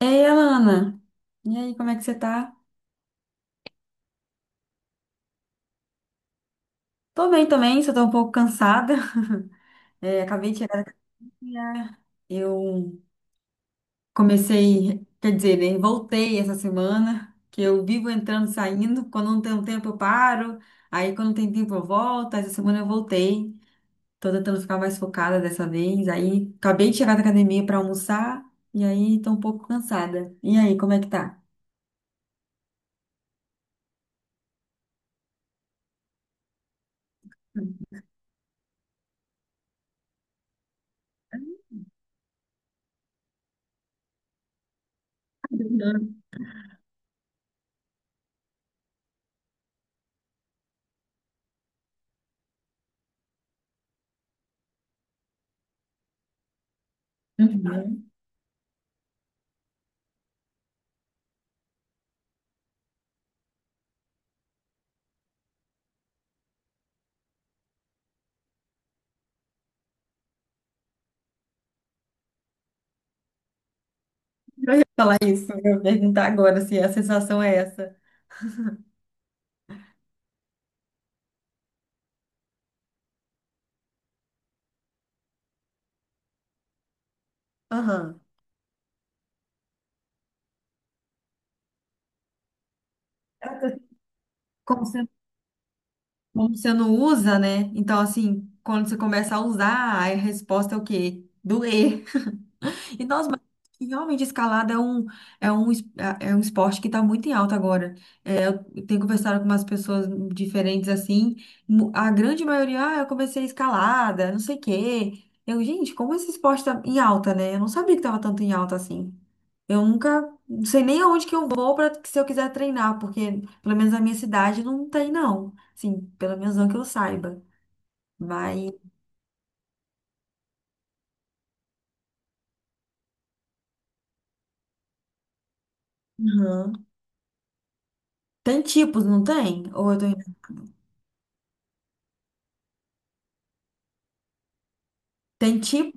Ei, Alana, e aí, como é que você tá? Tô bem também, só tô um pouco cansada. É, acabei de chegar da academia. Eu comecei, quer dizer, né, voltei essa semana, que eu vivo entrando e saindo. Quando não tem um tempo, eu paro. Aí, quando tem tempo, eu volto. Essa semana eu voltei. Tô tentando ficar mais focada dessa vez. Aí, acabei de chegar da academia pra almoçar. E aí, tô um pouco cansada. E aí, como é que tá? Uhum. Eu ia falar isso, eu ia perguntar agora se a sensação é essa. Aham. Ela tá- Como você, como você não usa, né? Então, assim, quando você começa a usar, aí a resposta é o quê? Doer. E nós, mas que realmente escalada é um, é um, é um esporte que está muito em alta agora. É, eu tenho conversado com umas pessoas diferentes assim, a grande maioria, ah, eu comecei escalada, não sei o quê. Eu, gente, como esse esporte está em alta, né? Eu não sabia que estava tanto em alta assim. Eu nunca, não sei nem aonde que eu vou para se eu quiser treinar, porque pelo menos na minha cidade não tem, não. Assim, pelo menos não que eu saiba. Mas, uhum. Tem tipos, não tem? Ou eu tô... Tem tipo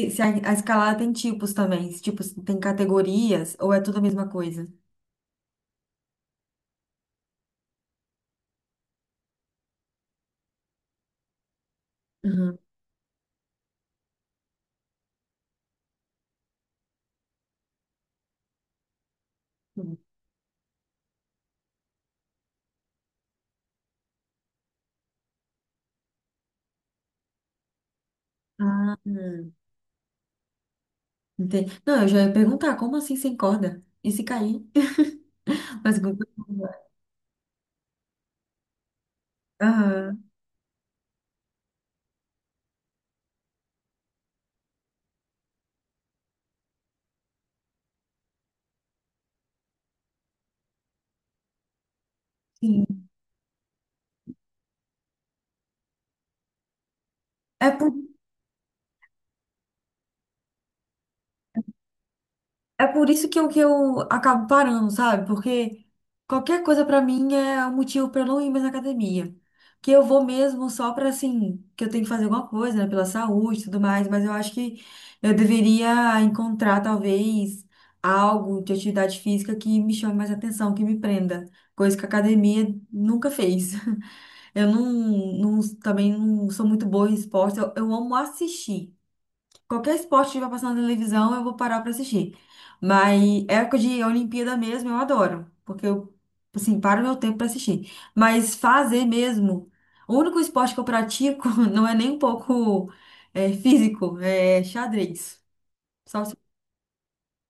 E se a escalada tem tipos também, se, tipo, se tem categorias ou é tudo a mesma coisa? Uhum. Ah, hum, Entendi. Não, eu já ia perguntar, como assim sem corda? E se cair? Mas, aham, sim. É É por isso que eu acabo parando, sabe? Porque qualquer coisa pra mim é um motivo pra eu não ir mais na academia. Que eu vou mesmo só pra, assim, que eu tenho que fazer alguma coisa, né? Pela saúde e tudo mais, mas eu acho que eu deveria encontrar, talvez, algo de atividade física que me chame mais atenção, que me prenda. Coisa que a academia nunca fez. Eu não, não- Também não sou muito boa em esporte, eu amo assistir. Qualquer esporte que vai passar na televisão, eu vou parar pra assistir. Mas é época de Olimpíada mesmo, eu adoro. Porque eu, assim, paro meu tempo pra assistir. Mas fazer mesmo, o único esporte que eu pratico não é nem um pouco físico, é xadrez. Só se-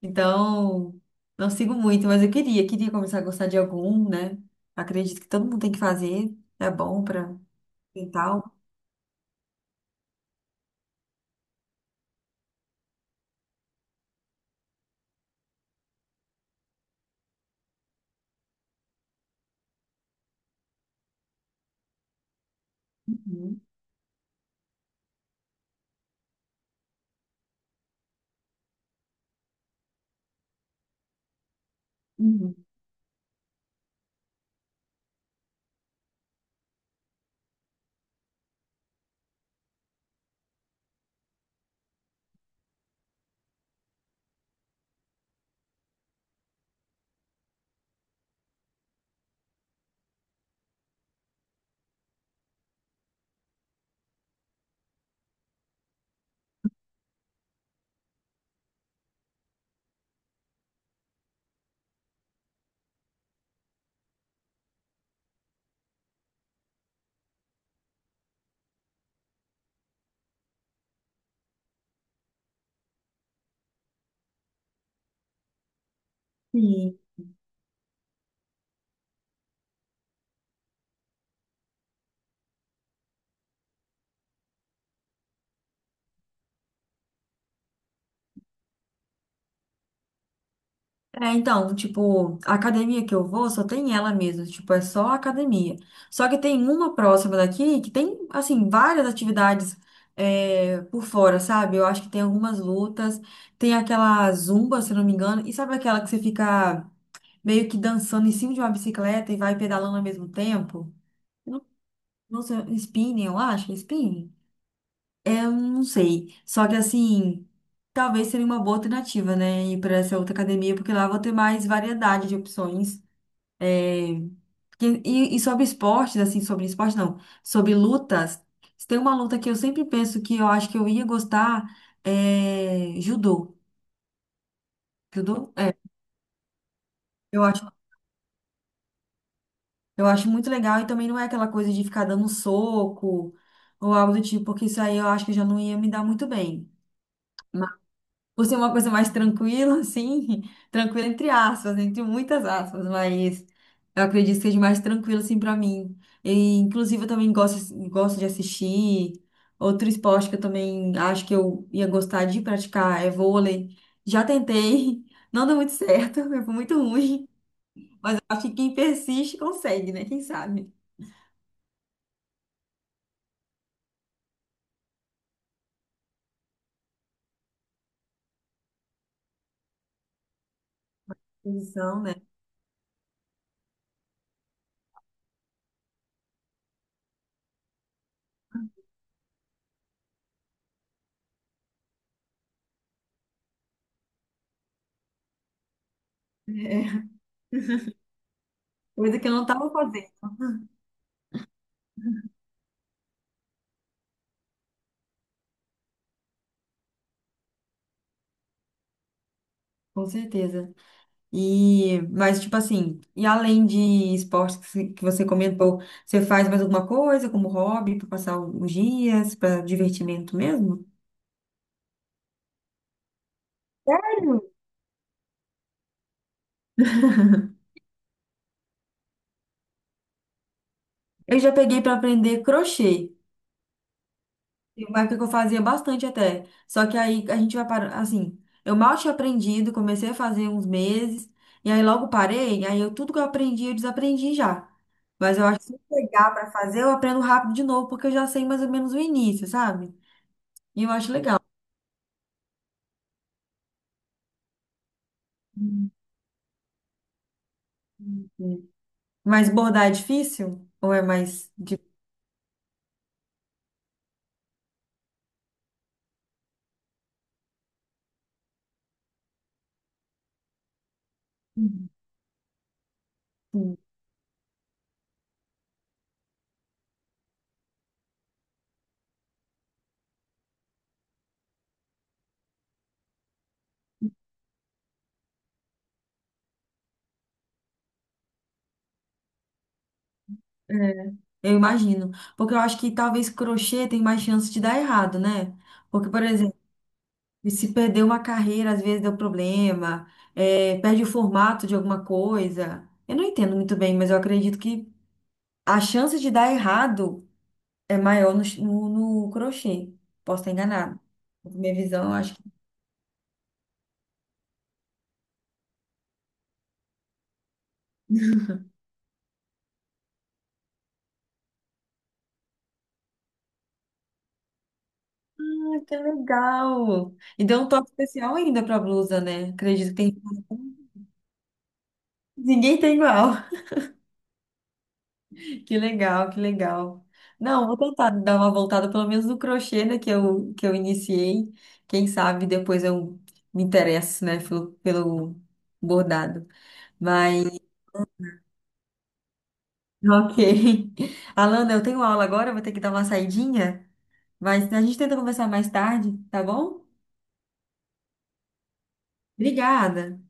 Então, não sigo muito, mas eu queria começar a gostar de algum, né? Acredito que todo mundo tem que fazer, é bom pra mental. Uhum. Uhum. Sim. É, então, tipo, a academia que eu vou só tem ela mesmo, tipo, é só a academia. Só que tem uma próxima daqui que tem, assim, várias atividades por fora, sabe? Eu acho que tem algumas lutas, tem aquela zumba, se não me engano, e sabe aquela que você fica meio que dançando em cima de uma bicicleta e vai pedalando ao mesmo tempo? Não, não sei, spinning, eu acho, é spinning. É, eu não sei. Só que assim, talvez seria uma boa alternativa, né? Ir para essa outra academia, porque lá eu vou ter mais variedade de opções. É, e sobre esportes, assim, sobre esporte não, sobre lutas, se tem uma luta que eu sempre penso que eu acho que eu ia gostar, é judô. Judô? É, eu acho, eu acho muito legal e também não é aquela coisa de ficar dando soco ou algo do tipo, porque isso aí eu acho que já não ia me dar muito bem. Por ser uma coisa mais tranquila, assim, tranquila entre aspas, entre muitas aspas, mas eu acredito que seja mais tranquilo, assim, pra mim. E, inclusive, eu também gosto, gosto de assistir. Outro esporte que eu também acho que eu ia gostar de praticar é vôlei. Já tentei, não deu muito certo, foi muito ruim, mas eu acho que quem persiste consegue, né? Quem sabe? Posição, né? É, coisa que eu não tava fazendo, com certeza. E, mas, tipo assim, e além de esportes que se- que você comentou, você faz mais alguma coisa como hobby para passar alguns dias, para divertimento mesmo? Sério? Eu já peguei para aprender crochê. Teve uma época que eu fazia bastante até. Só que aí a gente vai para assim, eu mal tinha aprendido, comecei a fazer uns meses, e aí logo parei, aí eu tudo que eu aprendi, eu desaprendi já. Mas eu acho que se eu pegar para fazer, eu aprendo rápido de novo, porque eu já sei mais ou menos o início, sabe? E eu acho legal. Hum, Mas bordar é difícil? Ou é mais de... Hum. É, eu imagino. Porque eu acho que talvez crochê tem mais chance de dar errado, né? Porque, por exemplo, se perder uma carreira, às vezes deu problema, perde o formato de alguma coisa. Eu não entendo muito bem, mas eu acredito que a chance de dar errado é maior no crochê. Posso estar enganado. Minha visão, eu acho que. Ah, que legal! E deu um toque especial ainda para a blusa, né? Acredito que tem. Ninguém tem igual. Que legal, que legal. Não, vou tentar dar uma voltada pelo menos no crochê, né, que eu iniciei. Quem sabe depois eu me interesso, né, pelo, pelo bordado. Mas, ok. Alana, eu tenho aula agora, vou ter que dar uma saidinha, mas a gente tenta conversar mais tarde, tá bom? Obrigada.